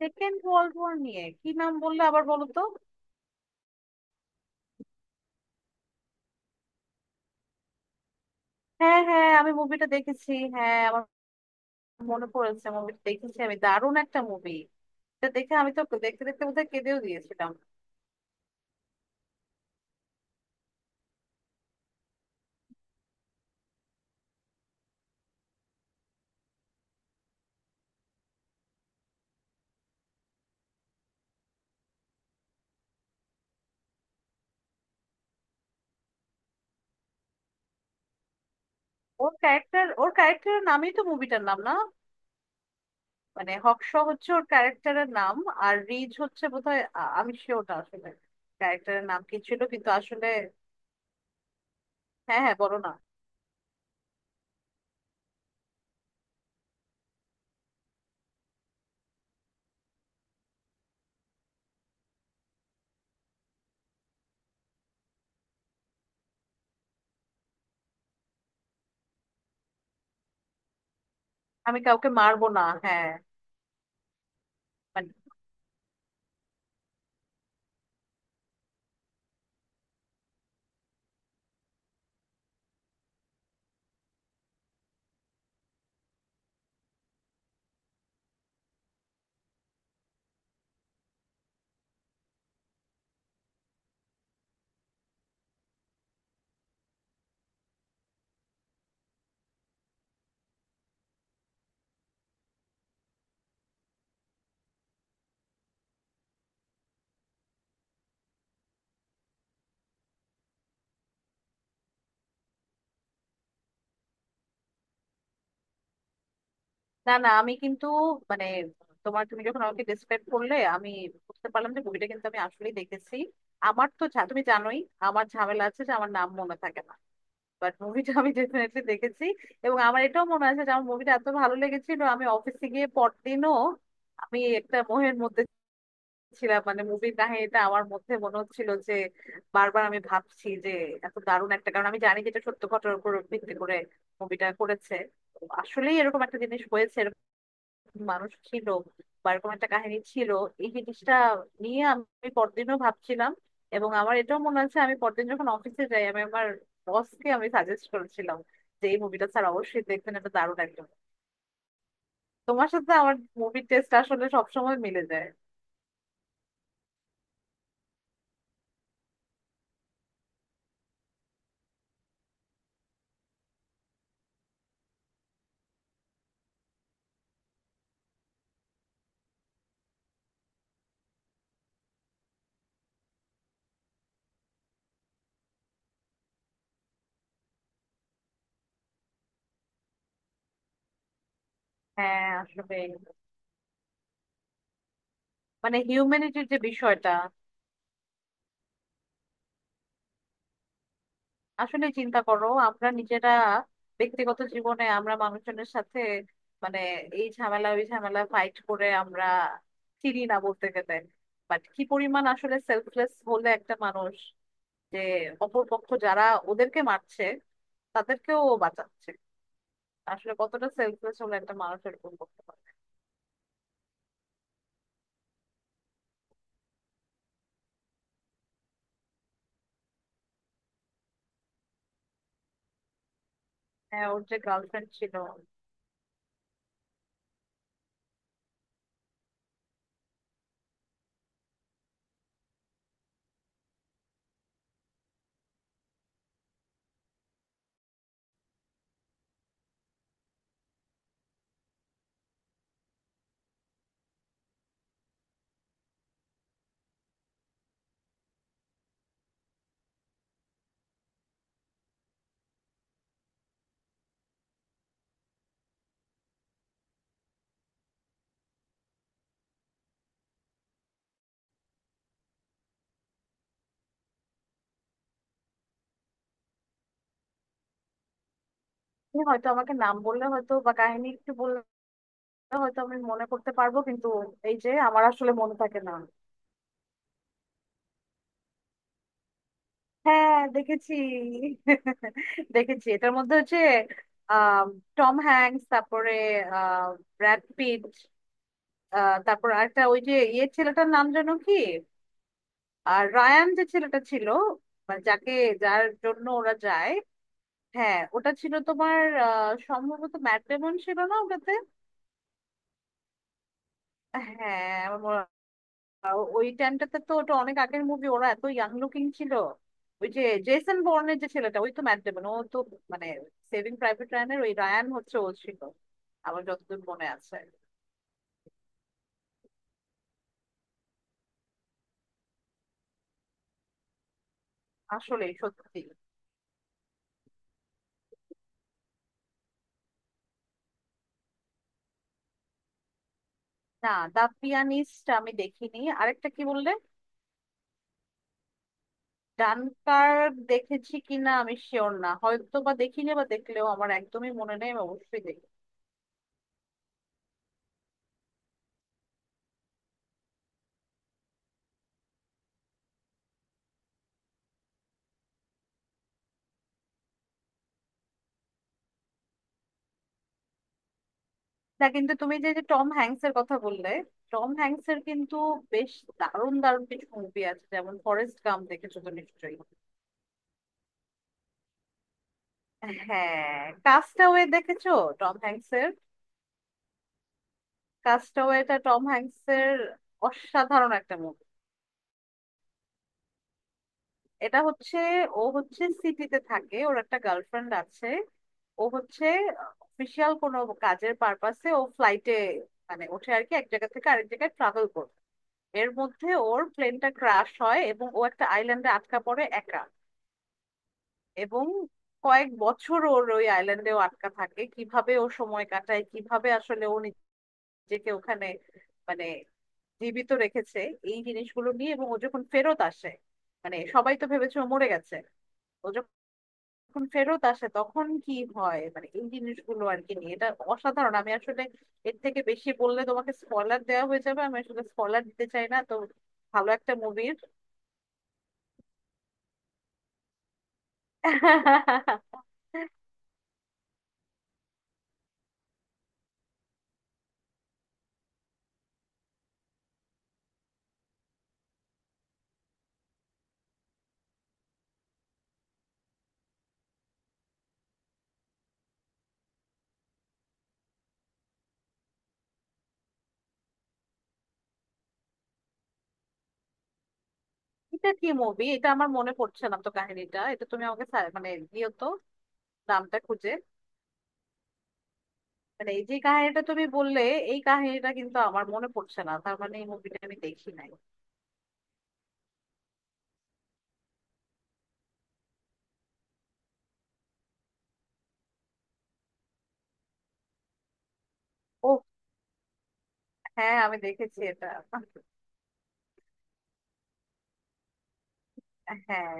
Second world war নিয়ে কি নাম বললে আবার বলো তো। হ্যাঁ হ্যাঁ, আমি মুভিটা দেখেছি। হ্যাঁ, আমার মনে পড়েছে, মুভিটা দেখেছি আমি। দারুণ একটা মুভি। এটা দেখে আমি তো দেখতে দেখতে বোধহয় কেঁদেও দিয়েছিলাম। ওর ক্যারেক্টারের নামই তো মুভিটার নাম না? মানে হক্স হচ্ছে ওর ক্যারেক্টারের নাম, আর রিজ হচ্ছে বোধহয়, আমি শিওরটা আসলে ক্যারেক্টারের নাম কি ছিল, কিন্তু আসলে। হ্যাঁ হ্যাঁ, বলো না। আমি কাউকে মারবো না, হ্যাঁ। মানে না না, আমি কিন্তু, মানে তুমি যখন আমাকে ডিসক্রাইব করলে আমি বুঝতে পারলাম যে মুভিটা কিন্তু আমি আসলেই দেখেছি। আমার তো তুমি জানোই আমার ঝামেলা আছে যে আমার নাম মনে থাকে না। বাট মুভিটা আমি ডেফিনেটলি দেখেছি। এবং আমার এটাও মনে আছে যে আমার মুভিটা এত ভালো লেগেছিল, আমি অফিসে গিয়ে পরদিনও আমি একটা মোহের মধ্যে ছিলাম। মানে মুভির কাহিনীটা আমার মধ্যে মনে হচ্ছিল যে, বারবার আমি ভাবছি যে এত দারুণ একটা, কারণ আমি জানি যে এটা সত্য ঘটনার উপর ভিত্তি করে মুভিটা করেছে, আসলেই এরকম একটা জিনিস হয়েছে, মানুষ ছিল বা এরকম একটা কাহিনী ছিল। এই জিনিসটা নিয়ে আমি পরদিনও ভাবছিলাম। এবং আমার এটাও মনে আছে, আমি পরদিন যখন অফিসে যাই আমি আমার বসকে আমি সাজেস্ট করেছিলাম যে এই মুভিটা স্যার অবশ্যই দেখবেন, এটা দারুণ একদম। তোমার সাথে আমার মুভির টেস্ট আসলে সবসময় মিলে যায়। হ্যাঁ আসলে, মানে হিউম্যানিটির যে বিষয়টা, আসলে চিন্তা করো আমরা নিজেরা ব্যক্তিগত জীবনে আমরা মানুষজনের সাথে, মানে এই ঝামেলা ওই ঝামেলা ফাইট করে আমরা চিনি না বলতে গেলে। বাট কি পরিমাণ আসলে সেলফলেস হলে একটা মানুষ, যে অপরপক্ষ যারা ওদেরকে মারছে তাদেরকেও ও বাঁচাচ্ছে, আসলে কতটা সেলফলেস হলে একটা মানুষ এরকম করতে পারে। হ্যাঁ, ওর যে গার্লফ্রেন্ড ছিল। সে হয়তো আমাকে নাম বললে, হয়তো বা কাহিনী একটু বললে হয়তো আমি মনে করতে পারবো, কিন্তু এই যে আমার আসলে মনে থাকে না। হ্যাঁ দেখেছি। দেখেছি, এটার মধ্যে হচ্ছে আহ, টম হ্যাঙ্কস, তারপরে আহ, ব্র্যাড পিট, তারপর একটা ওই যে ইয়ে ছেলেটার নাম যেন কি, আর রায়ান যে ছেলেটা ছিল, মানে যাকে, যার জন্য ওরা যায়। হ্যাঁ, ওটা ছিল তোমার, সম্ভবত ম্যাট ডেমন ছিল না ওটাতে? হ্যাঁ আমার মনে, ওই টাইমটাতে তো, ওটা অনেক আগের মুভি, ওরা এত ইয়াং লুকিং ছিল। ওই যে জেসন বর্নের যে ছেলেটা, ওই তো ম্যাট ডেমন, ও তো মানে সেভিং প্রাইভেট রায়ানের ওই রায়ান হচ্ছে ও ছিল, আমার যতদূর মনে আছে। আসলে সত্যি। না, দা পিয়ানিস্ট আমি দেখিনি। আরেকটা কি বললে? ডানকার্ক দেখেছি কিনা আমি শিওর না, হয়তো বা দেখিনি, বা দেখলেও আমার একদমই মনে নেই। আমি অবশ্যই দেখি। কিন্তু তুমি যে যে টম হ্যাংস এর কথা বললে, টম হ্যাংস এর কিন্তু বেশ দারুণ দারুণ কিছু মুভি আছে, যেমন ফরেস্ট গাম দেখেছো তো নিশ্চয়ই? হ্যাঁ, কাস্টাওয়ে দেখেছো? টম হ্যাংস এর কাস্টাওয়ে, এটা টম হ্যাংস এর অসাধারণ একটা মুভি। এটা হচ্ছে, ও হচ্ছে সিটিতে থাকে, ওর একটা গার্লফ্রেন্ড আছে। ও হচ্ছে অফিসিয়াল কোনো কাজের পারপাসে ও ফ্লাইটে মানে ওঠে আর কি, এক জায়গা থেকে আরেক জায়গায় ট্রাভেল করে। এর মধ্যে ওর প্লেনটা ক্রাশ হয় এবং ও একটা আইল্যান্ডে আটকা পড়ে একা। এবং কয়েক বছর ওর ওই আইল্যান্ডেও আটকা থাকে, কিভাবে ও সময় কাটায়, কিভাবে আসলে ও নিজেকে ওখানে মানে জীবিত রেখেছে এই জিনিসগুলো নিয়ে, এবং ও যখন ফেরত আসে, মানে সবাই তো ভেবেছে ও মরে গেছে, ও যখন ফেরত আসে তখন কি হয়, মানে এই জিনিসগুলো আর কি নিয়ে এটা। অসাধারণ, আমি আসলে এর থেকে বেশি বললে তোমাকে স্পয়লার দেওয়া হয়ে যাবে, আমি আসলে স্পয়লার দিতে চাই না তো। ভালো একটা মুভি। এটা কি মুভি এটা আমার মনে পড়ছে না তো, কাহিনীটা এটা তুমি আমাকে সা- মানে দিও তো নামটা খুঁজে। মানে এই যে কাহিনীটা তুমি বললে, এই কাহিনীটা কিন্তু আমার মনে পড়ছে না, তার মানে এই মুভিটা আমি দেখি নাই। ও, হ্যাঁ আমি দেখেছি এটা। হ্যাঁ,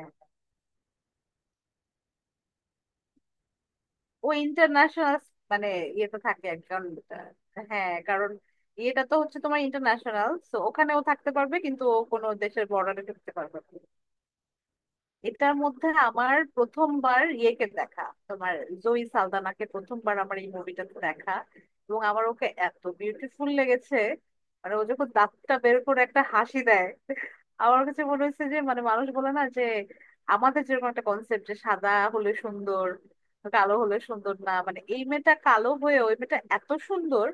ও ইন্টারন্যাশনাল মানে ইয়েতে থাকে একজন। আহ, হ্যাঁ কারণ এটা তো হচ্ছে তোমার ইন্টারন্যাশনাল, তো ওখানেও থাকতে পারবে কিন্তু ও কোনো দেশের বর্ডারে থাকতে পারবে না। এটার মধ্যে আমার প্রথমবার ইয়েকে দেখা, তোমার জয়ী সালদানাকে প্রথমবার আমার এই মুভিটাতে দেখা। এবং আমার ওকে এত বিউটিফুল লেগেছে, মানে ও যখন দাঁতটা বের করে একটা হাসি দেয়, আমার কাছে মনে হয়েছে যে, মানে মানুষ বলে না যে আমাদের যেরকম একটা কনসেপ্ট যে সাদা হলে সুন্দর, কালো হলে সুন্দর না, মানে এই মেয়েটা কালো হয়ে ওই মেয়েটা এত সুন্দর।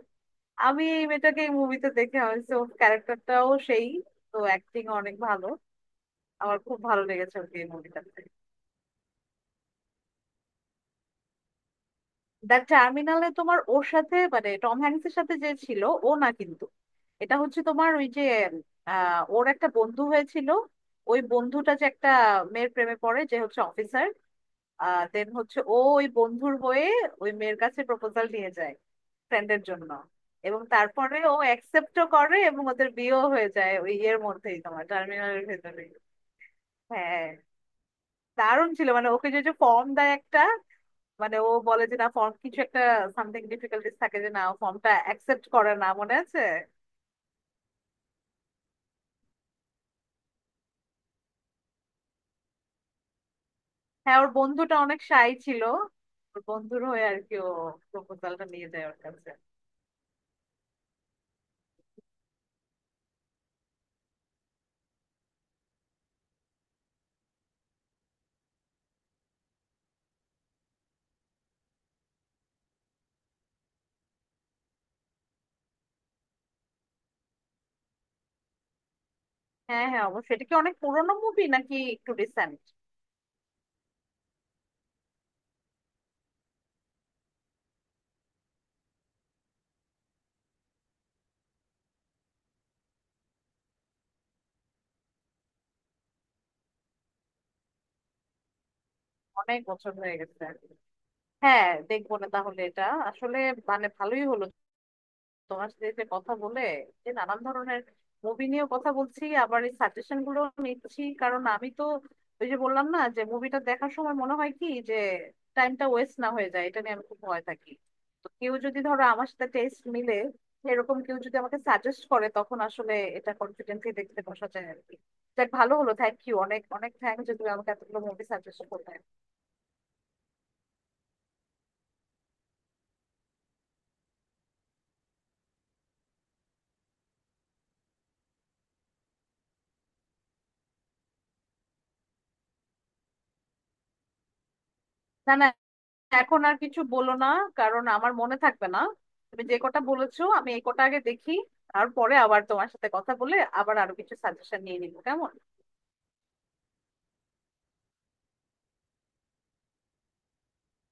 আমি এই মেয়েটাকে এই মুভিতে দেখে হয়েছে, ওর ক্যারেক্টারটাও সেই, তো অ্যাক্টিং অনেক ভালো, আমার খুব ভালো লেগেছে ওকে এই মুভিটা। দ্য টার্মিনালে তোমার ওর সাথে মানে টম হ্যাংস এর সাথে যে ছিল ও না কিন্তু, এটা হচ্ছে তোমার ওই যে, ওর একটা বন্ধু হয়েছিল, ওই বন্ধুটা যে একটা মেয়ের প্রেমে পড়ে যে হচ্ছে অফিসার, দেন হচ্ছে ও ওই বন্ধুর হয়ে ওই মেয়ের কাছে প্রপোজাল নিয়ে যায় ফ্রেন্ডের জন্য। এবং তারপরে ও অ্যাকসেপ্টও করে এবং ওদের বিয়েও হয়ে যায় ওই ইয়ের মধ্যেই, তোমার টার্মিনালের ভেতরে। হ্যাঁ, দারুণ ছিল মানে ওকে যে ফর্ম দেয় একটা, মানে ও বলে যে না ফর্ম কিছু একটা সামথিং ডিফিকাল্টিস থাকে যে না, ফর্মটা অ্যাকসেপ্ট করে না, মনে আছে। হ্যাঁ, ওর বন্ধুটা অনেক শাই ছিল, ওর বন্ধুর হয়ে আর কি ও প্রপোজালটা নিয়ে যায় ওর কাছে। হ্যাঁ হ্যাঁ, অবশ্যই। এটা কি অনেক পুরোনো মুভি নাকি একটু রিসেন্ট? অনেক বছর হয়ে গেছে আর কি। হ্যাঁ, দেখবো না তাহলে এটা। আসলে মানে ভালোই হলো তোমার সাথে যে কথা বলে, যে নানান ধরনের মুভি নিয়েও কথা বলছি, আবার এই সাজেশন গুলো নিচ্ছি, কারণ আমি তো ওই যে বললাম না যে মুভিটা দেখার সময় মনে হয় কি যে টাইমটা ওয়েস্ট না হয়ে যায়, এটা নিয়ে আমি খুব ভয় থাকি। তো কেউ যদি ধরো আমার সাথে টেস্ট মিলে, এরকম কেউ যদি আমাকে সাজেস্ট করে, তখন আসলে এটা কনফিডেন্টলি দেখতে বসা যায় আর কি। যাক, ভালো হলো, থ্যাংক ইউ, অনেক অনেক থ্যাংক যে তুমি আমাকে এতগুলো মুভি সাজেস্ট করলে। না না, এখন আর কিছু বলো না, কারণ আমার মনে থাকবে না। তুমি যে কটা বলেছো আমি এই কটা আগে দেখি, তারপরে আবার তোমার সাথে কথা বলে আবার আরো কিছু সাজেশন নিয়ে নিবো, কেমন?